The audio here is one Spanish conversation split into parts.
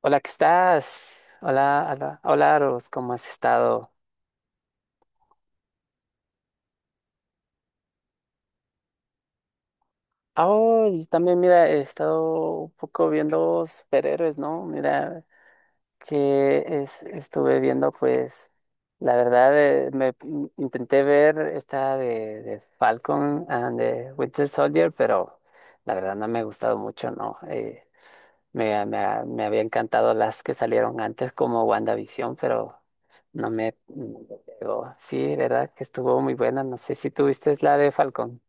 Hola, ¿qué estás? Hola, hola, hola, Aros, ¿cómo has estado? Ah, oh, y también, mira, he estado un poco viendo superhéroes, ¿no? Mira, que es, estuve viendo, pues, la verdad, me intenté ver esta de Falcon and the Winter Soldier, pero la verdad no me ha gustado mucho, ¿no? Me, me, me había encantado las que salieron antes como WandaVision, pero no me pegó. Sí, verdad que estuvo muy buena. No sé si tuviste la de Falcon.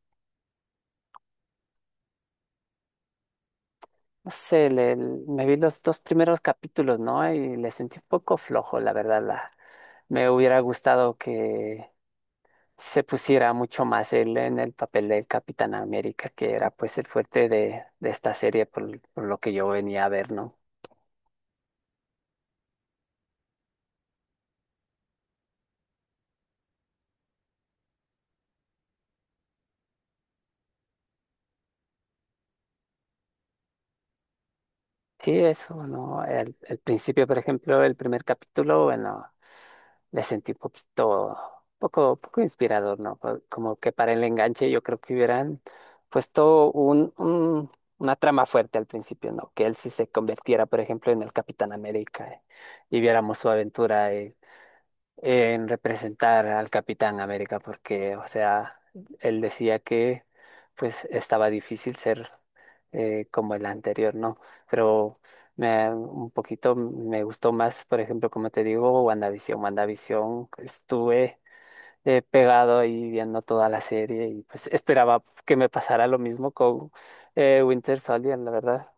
No sé, me vi los dos primeros capítulos, ¿no? Y le sentí un poco flojo, la verdad. Me hubiera gustado que se pusiera mucho más él en el papel del Capitán América, que era pues el fuerte de esta serie por lo que yo venía a ver, ¿no? Sí, eso, ¿no? El principio, por ejemplo, el primer capítulo, bueno, le sentí un poquito, poco inspirador, ¿no? Como que para el enganche yo creo que hubieran puesto una trama fuerte al principio, ¿no? Que él sí se convirtiera, por ejemplo, en el Capitán América, y viéramos su aventura, en representar al Capitán América porque, o sea, él decía que pues estaba difícil ser como el anterior, ¿no? Pero un poquito me gustó más, por ejemplo, como te digo, WandaVision. WandaVision estuve pegado ahí viendo toda la serie y pues esperaba que me pasara lo mismo con Winter Soldier, la verdad.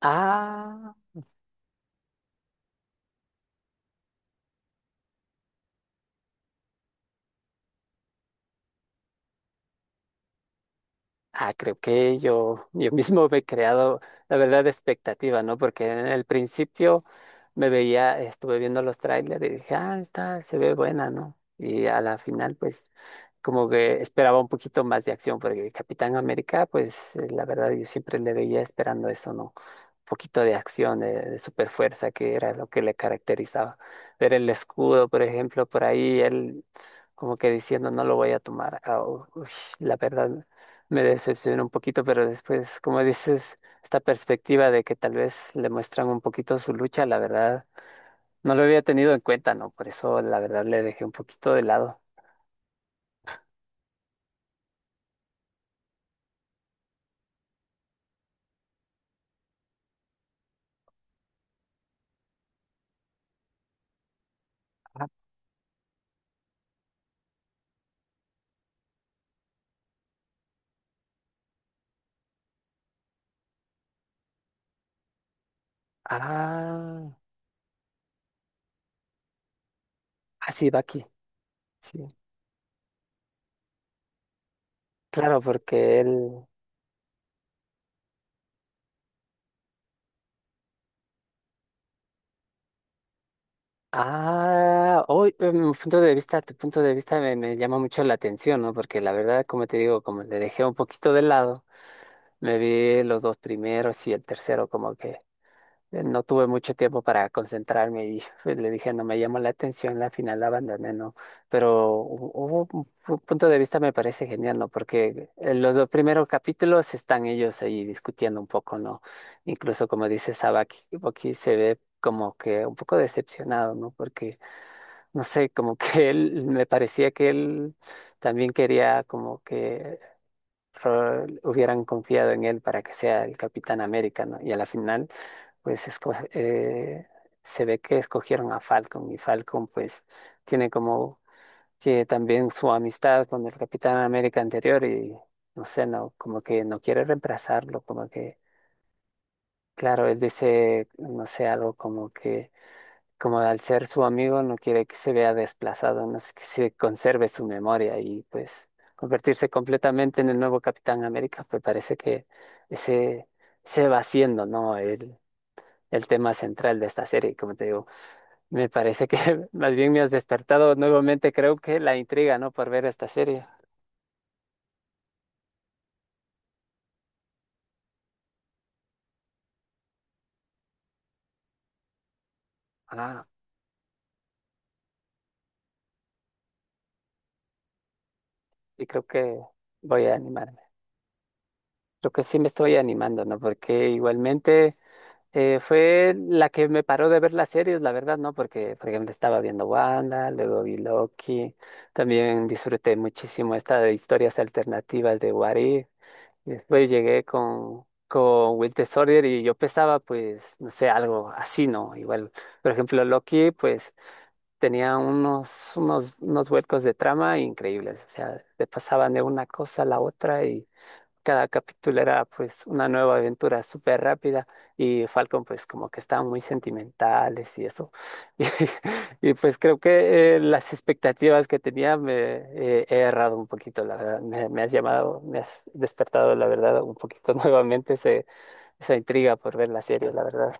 Ah. Ah, creo que yo mismo me he creado, la verdad, expectativa, ¿no? Porque en el principio me veía, estuve viendo los trailers y dije, ah, esta se ve buena, ¿no? Y a la final, pues, como que esperaba un poquitito más de acción, porque Capitán América, pues, la verdad, yo siempre le veía esperando eso, ¿no? Poquito de acción, de super fuerza que era lo que le caracterizaba. Pero el escudo, por ejemplo, por ahí él como que diciendo no lo voy a tomar. Ah, uy, la verdad me decepcionó un poquito, pero después, como dices, esta perspectiva de que tal vez le muestran un poquito su lucha, la verdad no lo había tenido en cuenta, ¿no? Por eso la verdad le dejé un poquito de lado. Ah, ah, ah, sí, Baki, sí. Claro, porque él. Ah, hoy, punto de vista, tu punto de vista me llama mucho la atención, ¿no? Porque la verdad, como te digo, como le dejé un poquito de lado, me vi los dos primeros y el tercero, como que no tuve mucho tiempo para concentrarme y pues, le dije, no me llamó la atención, la final la abandoné, ¿no? Pero hubo un punto de vista me parece genial, ¿no? Porque en los dos primeros capítulos están ellos ahí discutiendo un poco, ¿no? Incluso como dice Sabaki, Boki se ve como que un poco decepcionado, ¿no? Porque no sé, como que él, me parecía que él también quería como que hubieran confiado en él para que sea el Capitán América, ¿no? Y a la final, pues se ve que escogieron a Falcon y Falcon pues tiene como que también su amistad con el Capitán América anterior y no sé, no, como que no quiere reemplazarlo, como que, claro, él dice, no sé, algo como que como al ser su amigo no quiere que se vea desplazado, no sé, que se conserve su memoria y pues convertirse completamente en el nuevo Capitán América, pues parece que ese se va siendo, ¿no? El tema central de esta serie, como te digo, me parece que más bien me has despertado nuevamente, creo que la intriga, ¿no? Por ver esta serie. Ah, y creo que voy a animarme. Creo que sí me estoy animando, ¿no? Porque igualmente... Fue la que me paró de ver las series, la verdad, ¿no? Porque, por ejemplo, estaba viendo Wanda, luego vi Loki. También disfruté muchísimo esta de historias alternativas de What If. Y después llegué con Winter Soldier y yo pensaba, pues, no sé, algo así, ¿no? Igual, por ejemplo, Loki, pues, tenía unos huecos de trama increíbles. O sea, te pasaban de una cosa a la otra y cada capítulo era pues una nueva aventura súper rápida y Falcon pues como que estaban muy sentimentales y eso. Pues creo que las expectativas que tenía me he errado un poquito, la verdad. Me has llamado, me has despertado la verdad un poquito nuevamente esa intriga por ver la serie, la verdad.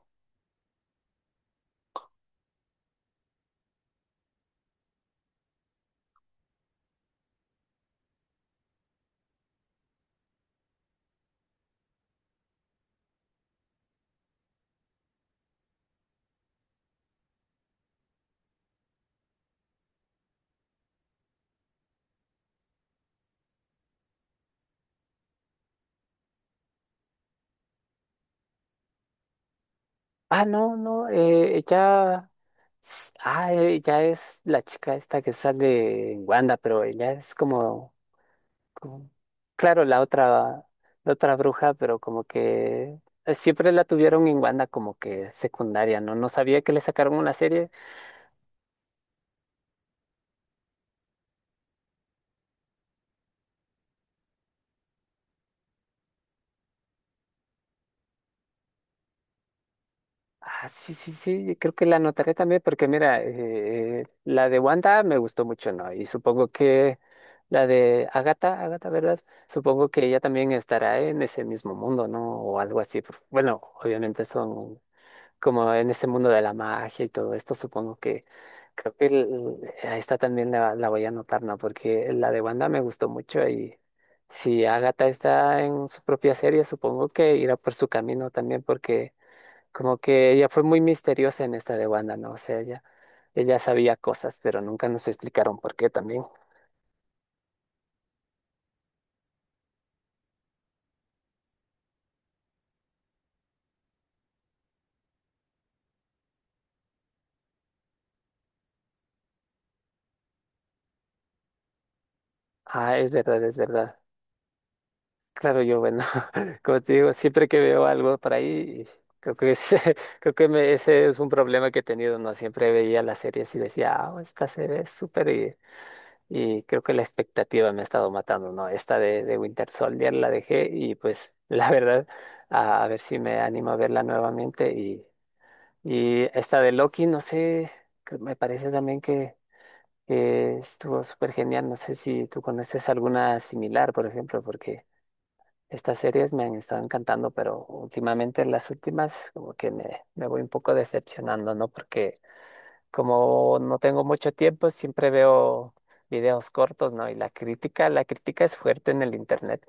Ah, no, no, ella, ah, ella es la chica esta que sale en Wanda, pero ella es como como- claro, la otra bruja, pero como que siempre la tuvieron en banda como que secundaria, ¿no? No sabía que le sacaron una serie. Ah, sí, sí, sí, creo que la anotaré también porque mira, la de Wanda me gustó mucho, ¿no? Y supongo que la de Agatha, Agatha, ¿verdad? Supongo que ella también estará en ese mismo mundo, ¿no? O algo así. Bueno, obviamente son como en ese mundo de la magia y todo esto, supongo que creo que a esta también la voy a anotar, ¿no? Porque la de Wanda me gustó mucho y si Agatha está en su propia serie, supongo que irá por su camino también, porque como que ella fue muy misteriosa en esta de Wanda, ¿no? O sea, ella sabía cosas, pero nunca nos explicaron por qué también. Ah, es verdad, es verdad. Claro, yo, bueno, como te digo, siempre que veo algo por ahí, creo que ese, creo que ese es un problema que he tenido, ¿no? Siempre veía las series y decía, ah, esta serie es súper y creo que la expectativa me ha estado matando, ¿no? Esta de Winter Soldier la dejé y pues la verdad, a ver si me animo a verla nuevamente y esta de Loki, no sé, que me parece también que estuvo súper genial, no sé si tú conoces alguna similar, por ejemplo, porque... Estas series me han estado encantando, pero últimamente las últimas como que me voy un poco decepcionando, ¿no? Porque como no tengo mucho tiempo, siempre veo videos cortos, ¿no? Y la crítica es fuerte en el internet.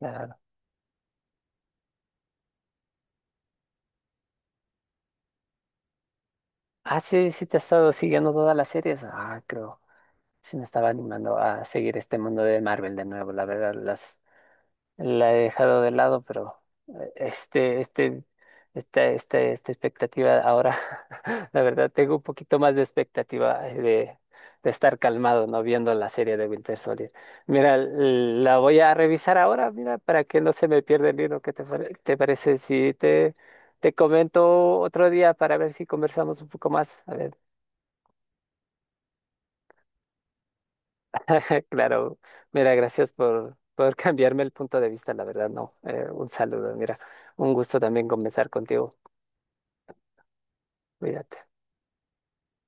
La... Ah, sí, sí te has estado siguiendo todas las series. Ah, creo. Sí me estaba animando a seguir este mundo de Marvel de nuevo. La verdad, las la he dejado de lado, pero eh, este, este, esta, expectativa ahora, la verdad, tengo un poquito más de expectativa de estar calmado, ¿no? Viendo la serie de Winter Soldier. Mira, la voy a revisar ahora, mira, para que no se me pierda el libro. ¿Qué te, te parece si te comento otro día para ver si conversamos un poco más? A ver. Claro, mira, gracias por cambiarme el punto de vista, la verdad, no. Un saludo, mira, un gusto también conversar contigo. Cuídate.